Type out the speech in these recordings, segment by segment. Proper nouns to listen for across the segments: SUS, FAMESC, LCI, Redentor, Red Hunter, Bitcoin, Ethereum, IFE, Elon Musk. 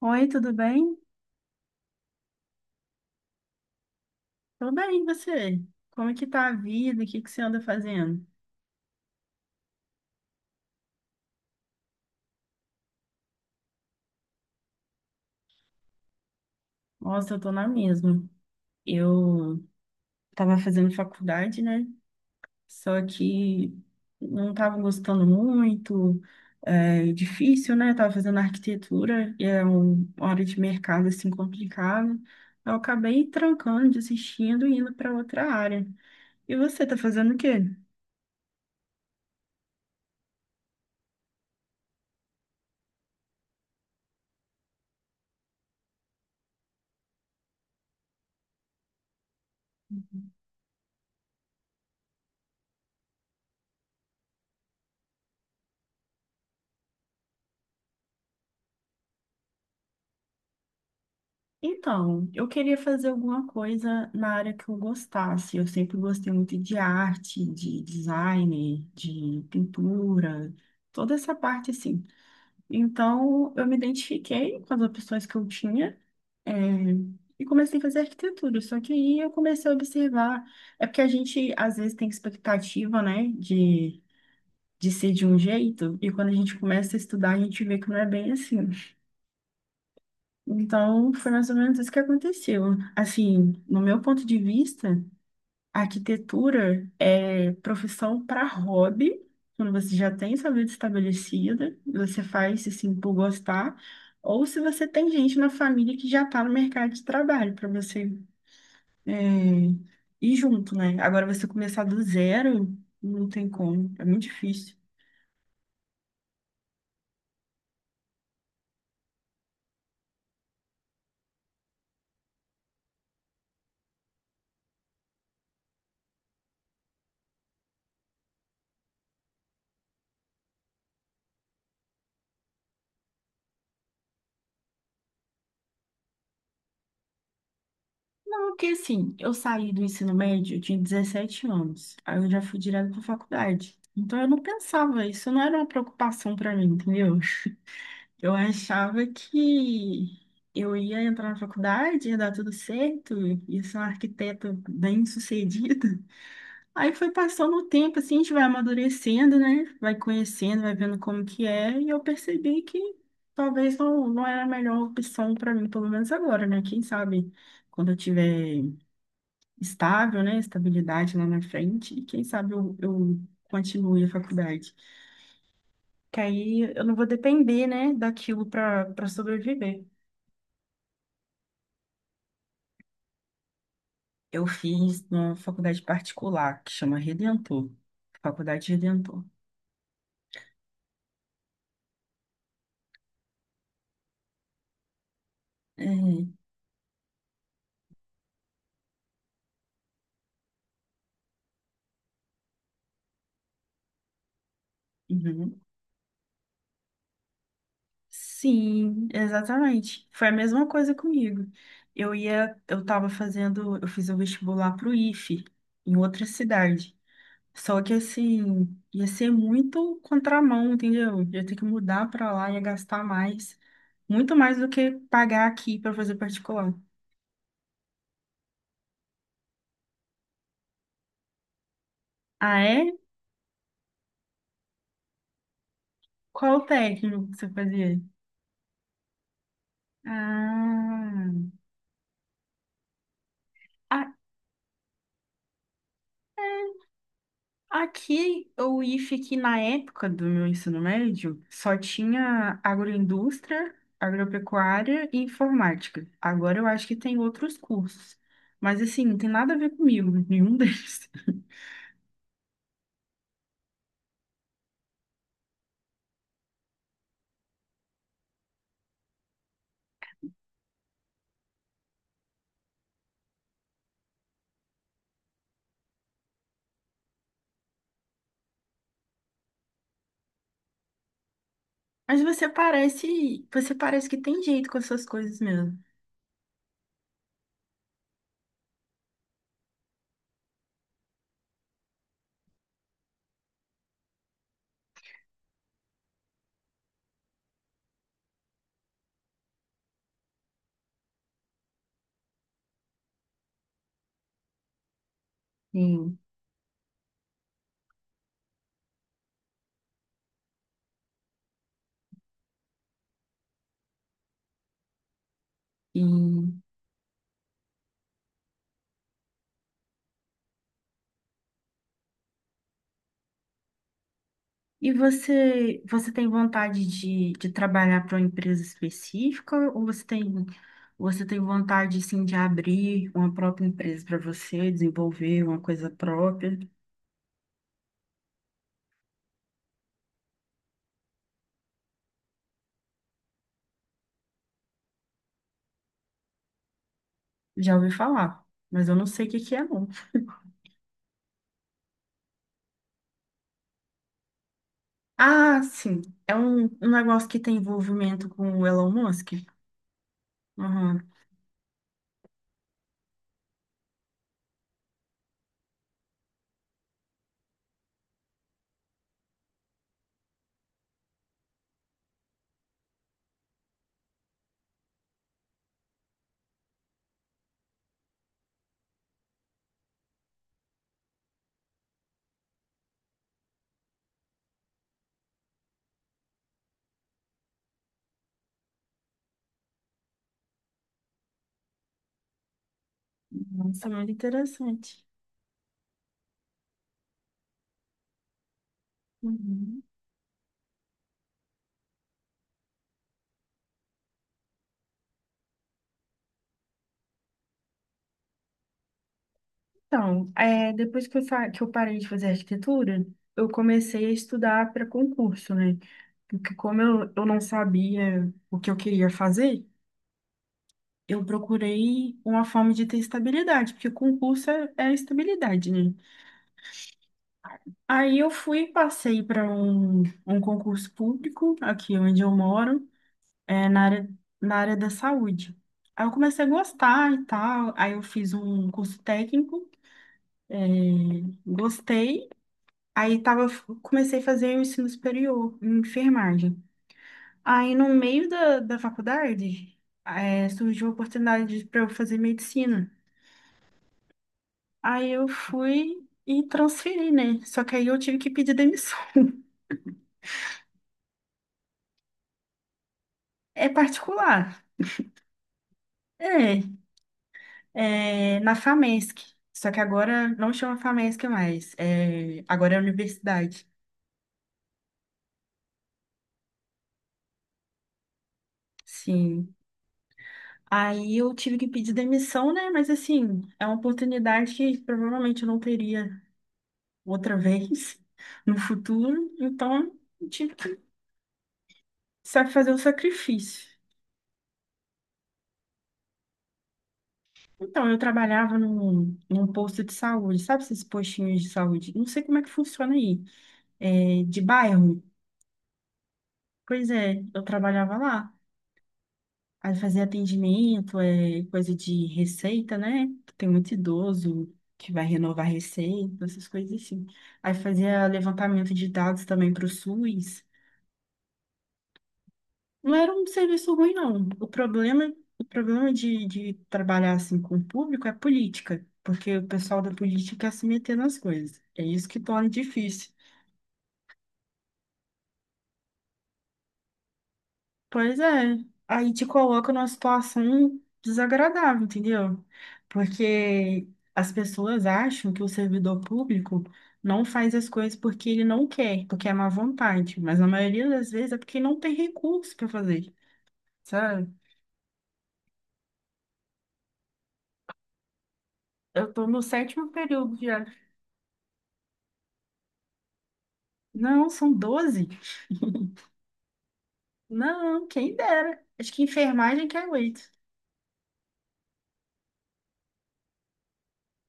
Oi, tudo bem? Tudo bem, e você? Como é que tá a vida? O que que você anda fazendo? Nossa, eu tô na mesma. Eu tava fazendo faculdade, né? Só que não tava gostando muito, é difícil, né? Tava fazendo arquitetura e é uma área de mercado assim complicada. Eu acabei trancando, desistindo e indo para outra área. E você tá fazendo o quê? Então, eu queria fazer alguma coisa na área que eu gostasse. Eu sempre gostei muito de arte, de design, de pintura, toda essa parte assim. Então, eu me identifiquei com as opções que eu tinha, eh, e comecei a fazer arquitetura. Só que aí eu comecei a observar. É porque a gente, às vezes, tem expectativa, né, de ser de um jeito, e quando a gente começa a estudar, a gente vê que não é bem assim. Então, foi mais ou menos isso que aconteceu. Assim, no meu ponto de vista, a arquitetura é profissão para hobby, quando você já tem sua vida estabelecida, você faz assim por gostar, ou se você tem gente na família que já está no mercado de trabalho, para você é, ir junto, né? Agora, você começar do zero, não tem como, é muito difícil. Porque assim, eu saí do ensino médio, eu tinha 17 anos. Aí eu já fui direto para faculdade. Então eu não pensava, isso não era uma preocupação para mim, entendeu? Eu achava que eu ia entrar na faculdade, ia dar tudo certo, ia ser uma arquiteta bem-sucedida. Aí foi passando o tempo, assim, a gente vai amadurecendo, né? Vai conhecendo, vai vendo como que é, e eu percebi que talvez não, não era a melhor opção para mim, pelo menos agora, né? Quem sabe quando eu tiver estável, né? Estabilidade lá na frente, e quem sabe eu continue a faculdade. Que aí eu não vou depender, né, daquilo para sobreviver. Eu fiz numa faculdade particular, que chama Redentor, Faculdade Redentor. É. Uhum. Sim, exatamente. Foi a mesma coisa comigo. Eu ia, eu estava fazendo, eu fiz o vestibular para o IFE, em outra cidade. Só que assim, ia ser muito contramão, entendeu? Ia ter que mudar para lá, ia gastar mais, muito mais do que pagar aqui para fazer particular. Ah, é? Qual o técnico que você fazia? Ah, a- aqui o IF aqui na época do meu ensino médio só tinha agroindústria, agropecuária e informática. Agora eu acho que tem outros cursos, mas assim, não tem nada a ver comigo, nenhum deles. Mas você parece que tem jeito com essas coisas mesmo. Sim. E, e você tem vontade de trabalhar para uma empresa específica ou você tem vontade assim de abrir uma própria empresa para você, desenvolver uma coisa própria? Já ouvi falar, mas eu não sei o que que é não. Ah, sim, é um negócio que tem envolvimento com o Elon Musk. Uhum. Nossa, muito interessante. Uhum. Então, depois que eu parei de fazer arquitetura, eu comecei a estudar para concurso, né? Porque como eu não sabia o que eu queria fazer, eu procurei uma forma de ter estabilidade, porque concurso é estabilidade, né? Aí eu fui, passei para um concurso público, aqui onde eu moro, é, na área, na área da saúde. Aí eu comecei a gostar e tal, aí eu fiz um curso técnico, gostei. Aí tava, Comecei a fazer o ensino superior em enfermagem. Aí no meio da faculdade, surgiu a oportunidade para eu fazer medicina. Aí eu fui e transferi, né? Só que aí eu tive que pedir demissão. É particular. É, é na FAMESC. Só que agora não chama FAMESC mais. É, agora é universidade. Sim. Aí eu tive que pedir demissão, né? Mas assim, é uma oportunidade que provavelmente eu não teria outra vez no futuro, então eu tive que fazer o sacrifício. Então, eu trabalhava num posto de saúde, sabe esses postinhos de saúde? Não sei como é que funciona aí, de bairro. Pois é, eu trabalhava lá. Aí fazia atendimento, coisa de receita, né? Tem muito idoso que vai renovar receita, essas coisas assim. Aí fazia levantamento de dados também para o SUS. Não era um serviço ruim, não. O problema de trabalhar assim com o público é política, porque o pessoal da política quer se meter nas coisas. É isso que torna difícil. Pois é, aí te coloca numa situação desagradável, entendeu? Porque as pessoas acham que o servidor público não faz as coisas porque ele não quer, porque é má vontade, mas na maioria das vezes é porque não tem recurso para fazer, sabe? Eu tô no sétimo período já. Não, são 12. Não, quem dera. Acho que enfermagem que aguento.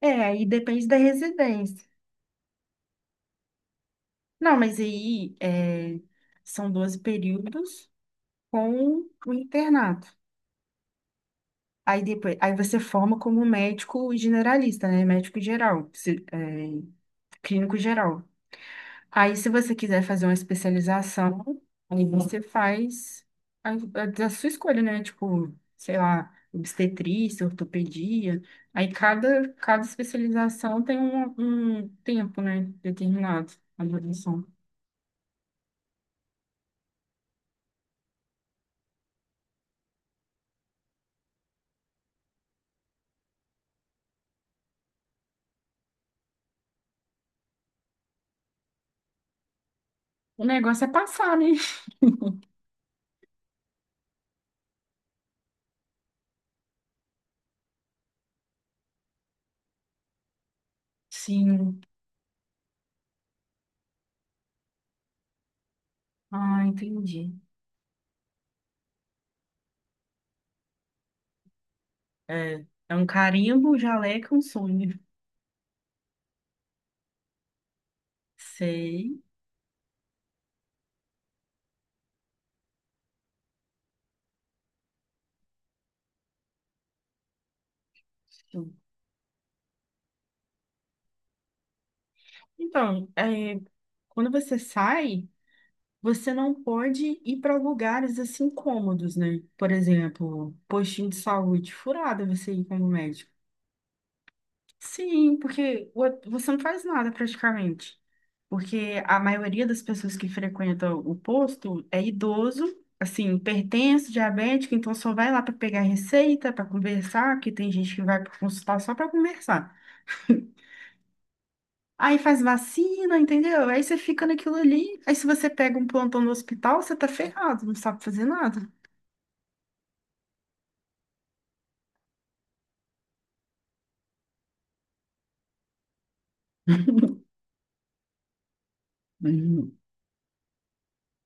É, aí depende da residência. Não, mas são 12 períodos com o internato. Aí depois, aí você forma como médico generalista, né? Médico geral, clínico geral. Aí, se você quiser fazer uma especialização, aí você faz a, a da sua escolha, né? Tipo, sei lá, obstetrícia, ortopedia. Aí, cada especialização tem um tempo, né? Determinado, a duração. O negócio é passar, né? Sim. Ah, entendi. É, é um carimbo, um jaleco, um sonho. Sei. Então, quando você sai. Você não pode ir para lugares assim incômodos, né? Por exemplo, postinho de saúde furada você ir como médico. Sim, porque você não faz nada praticamente. Porque a maioria das pessoas que frequentam o posto é idoso, assim, hipertenso, diabético, então só vai lá para pegar receita, para conversar, que tem gente que vai para consultar só para conversar. Aí faz vacina, entendeu? Aí você fica naquilo ali. Aí se você pega um plantão no hospital, você tá ferrado, não sabe fazer nada. Uhum.